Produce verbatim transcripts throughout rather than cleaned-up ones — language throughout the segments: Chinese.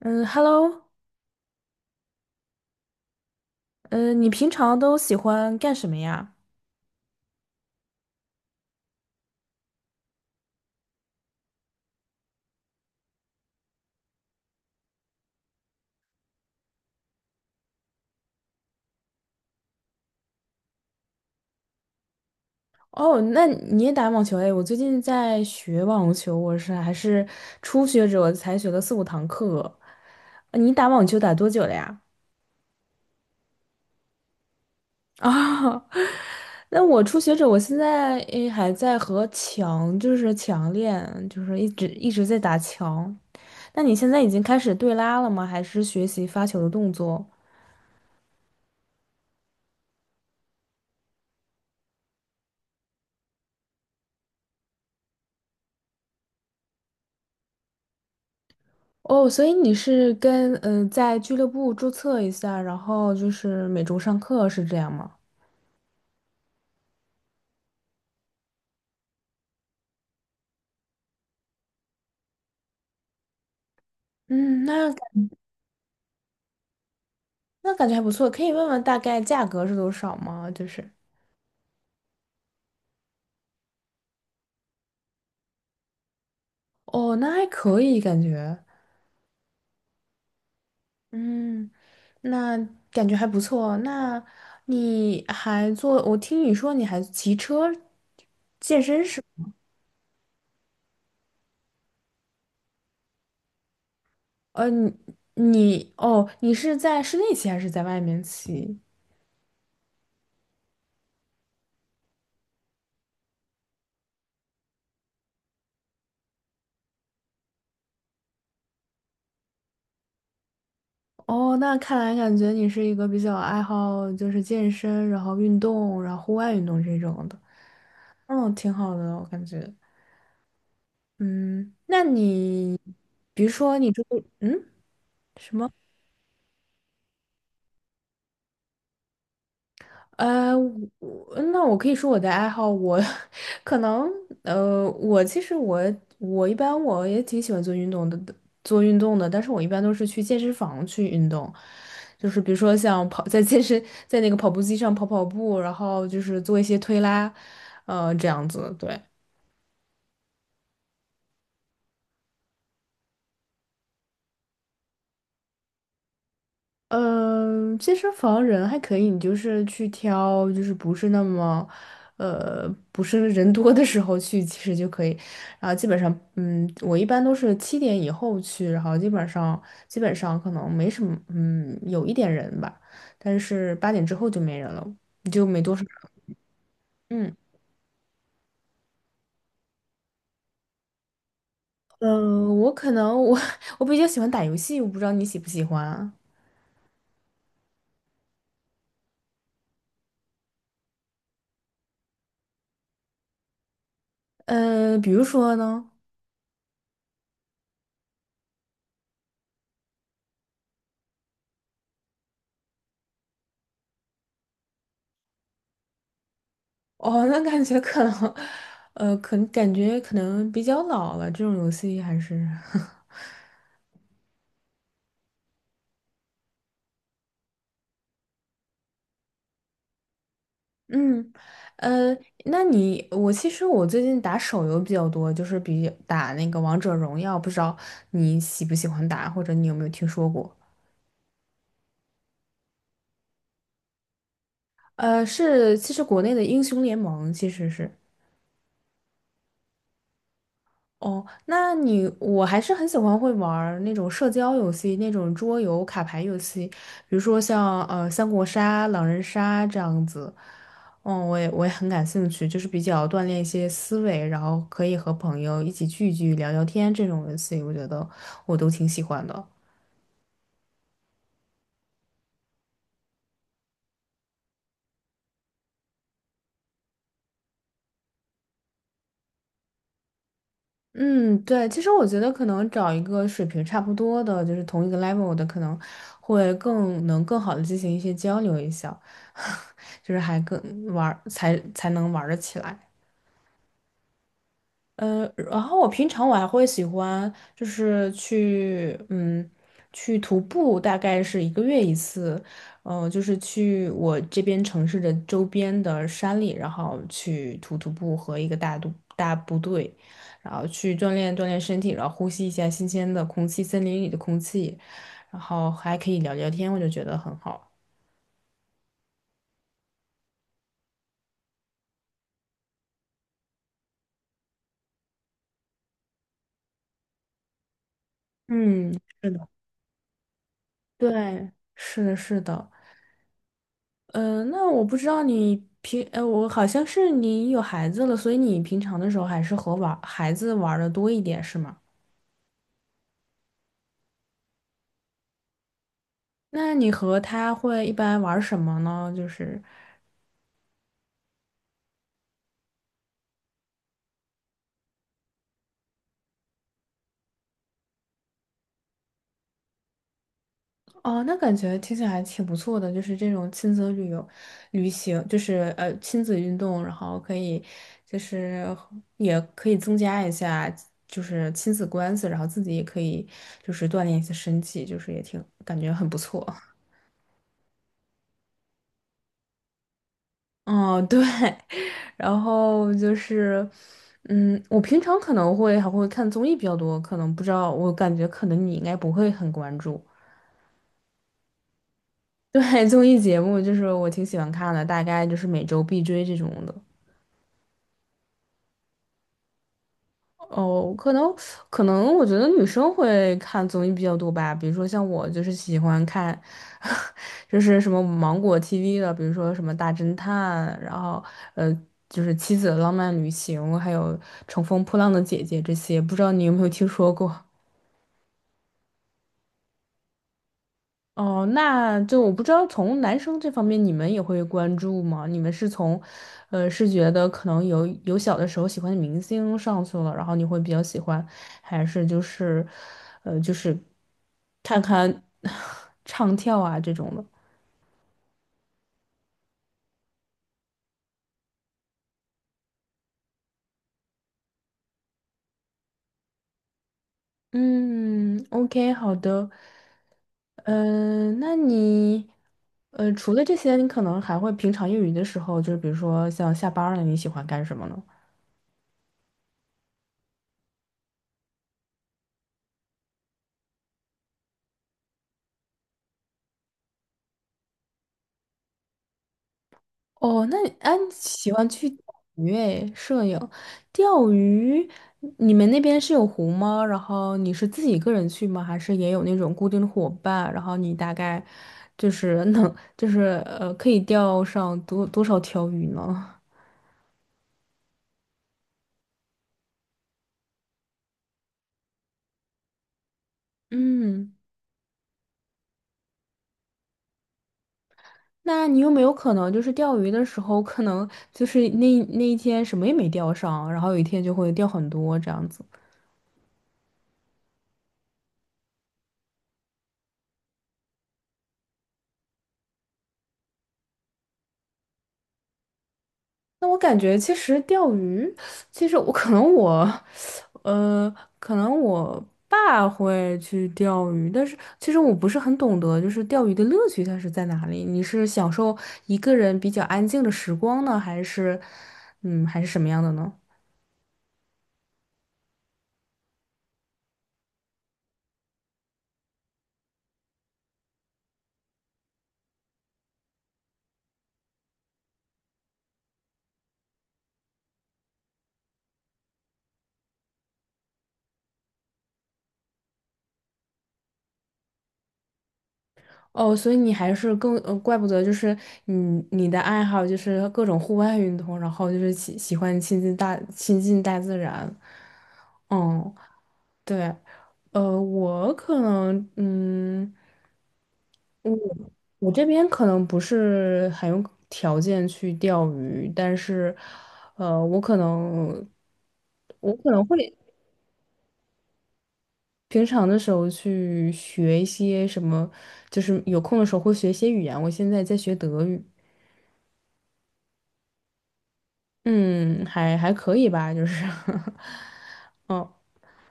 嗯，Hello，嗯，你平常都喜欢干什么呀？哦，那你也打网球哎？我最近在学网球，我是还是初学者，我才学了四五堂课。呃你打网球打多久了呀？啊，那我初学者，我现在诶还在和强，就是强练，就是一直一直在打强。那你现在已经开始对拉了吗？还是学习发球的动作？哦，所以你是跟嗯、呃在俱乐部注册一下，然后就是每周上课是这样吗？嗯，那感那感觉还不错，可以问问大概价格是多少吗？就是哦，那还可以感觉，嗯，那感觉还不错。那你还做？我听你说你还骑车健身是吗？呃，你你哦，你是在室内骑还是在外面骑？哦，那看来感觉你是一个比较爱好就是健身，然后运动，然后户外运动这种的。嗯，挺好的，我感觉。嗯，那你，比如说你这个，嗯。呃，我那我可以说我的爱好，我 可能呃，我其实我我一般我也挺喜欢做运动的，做运动的，但是我一般都是去健身房去运动，就是比如说像跑 在健身在那个跑步机上跑跑步，然后就是做一些推拉，呃，这样子，对。嗯，健身房人还可以，你就是去挑，就是不是那么，呃，不是人多的时候去，其实就可以。然后基本上，嗯，我一般都是七点以后去，然后基本上基本上可能没什么，嗯，有一点人吧，但是八点之后就没人了，就没多少人。嗯呃，我可能我 我比较喜欢打游戏，我不知道你喜不喜欢啊？呃，比如说呢？哦，那感觉可能，呃，可能感觉可能比较老了，这种游戏还是。嗯，呃，那你我其实我最近打手游比较多，就是比打那个王者荣耀，不知道你喜不喜欢打，或者你有没有听说过？呃，是，其实国内的英雄联盟其实是。哦，那你我还是很喜欢会玩儿那种社交游戏，那种桌游、卡牌游戏，比如说像呃三国杀、狼人杀这样子。嗯，我也我也很感兴趣，就是比较锻炼一些思维，然后可以和朋友一起聚一聚、聊聊天这种游戏，我觉得我都挺喜欢的。嗯，对，其实我觉得可能找一个水平差不多的，就是同一个 level 的，可能会更能更好的进行一些交流一下，就是还更玩儿才才能玩儿得起来。呃，然后我平常我还会喜欢，就是去，嗯，去徒步，大概是一个月一次，呃，就是去我这边城市的周边的山里，然后去徒徒步和一个大都大部队，然后去锻炼锻炼身体，然后呼吸一下新鲜的空气，森林里的空气，然后还可以聊聊天，我就觉得很好。嗯，是的，对，是的，是的。嗯呃，那我不知道你平，呃，我好像是你有孩子了，所以你平常的时候还是和玩孩子玩的多一点，是吗？那你和他会一般玩什么呢？就是，哦，那感觉听起来还挺不错的，就是这种亲子旅游、旅行，就是呃亲子运动，然后可以，就是也可以增加一下就是亲子关系，然后自己也可以就是锻炼一下身体，就是也挺感觉很不错。哦，对。然后就是，嗯，我平常可能会还会看综艺比较多，可能不知道，我感觉可能你应该不会很关注。对，综艺节目就是我挺喜欢看的，大概就是每周必追这种的。哦，可能可能我觉得女生会看综艺比较多吧，比如说像我就是喜欢看，就是什么芒果 T V 的，比如说什么大侦探，然后呃就是妻子的浪漫旅行，还有乘风破浪的姐姐这些，不知道你有没有听说过？哦，那就我不知道从男生这方面你们也会关注吗？你们是从，呃，是觉得可能有有小的时候喜欢的明星上去了，然后你会比较喜欢，还是就是，呃，就是看看 唱跳啊这种的？嗯，OK，好的。嗯、那你，呃，除了这些，你可能还会平常业余的时候，就是比如说像下班儿了，你喜欢干什么呢？哦，那你啊，你喜欢去钓鱼诶，摄影，钓鱼，你们那边是有湖吗？然后你是自己一个人去吗？还是也有那种固定的伙伴？然后你大概就是能，就是呃，可以钓上多多少条鱼呢？嗯，那你有没有可能就是钓鱼的时候，可能就是那那一天什么也没钓上，然后有一天就会钓很多这样子？那我感觉其实钓鱼，其实我 可能我，呃，可能我爸会去钓鱼，但是其实我不是很懂得，就是钓鱼的乐趣它是在哪里？你是享受一个人比较安静的时光呢，还是，嗯，还是什么样的呢？哦，所以你还是更，呃，怪不得就是你你的爱好就是各种户外运动，然后就是喜喜欢亲近大亲近大自然，嗯。对，呃，我可能，嗯。我我这边可能不是很有条件去钓鱼，但是，呃，我可能，我可能会平常的时候去学一些什么，就是有空的时候会学一些语言。我现在在学德语，嗯，还还可以吧，就是，嗯。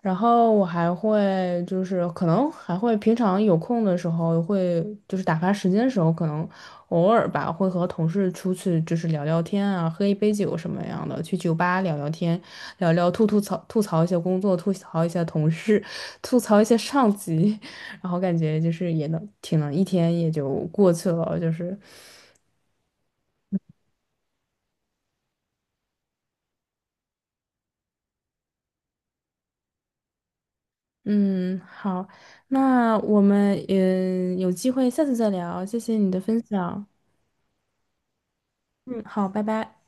然后我还会就是可能还会平常有空的时候会就是打发时间的时候，可能偶尔吧会和同事出去就是聊聊天啊，喝一杯酒什么样的，去酒吧聊聊天，聊聊吐吐槽吐槽一下工作，吐槽一下同事，吐槽一下上级，然后感觉就是也能挺能一天也就过去了，就是嗯好，那我们嗯有机会下次再聊，谢谢你的分享，嗯好，拜拜。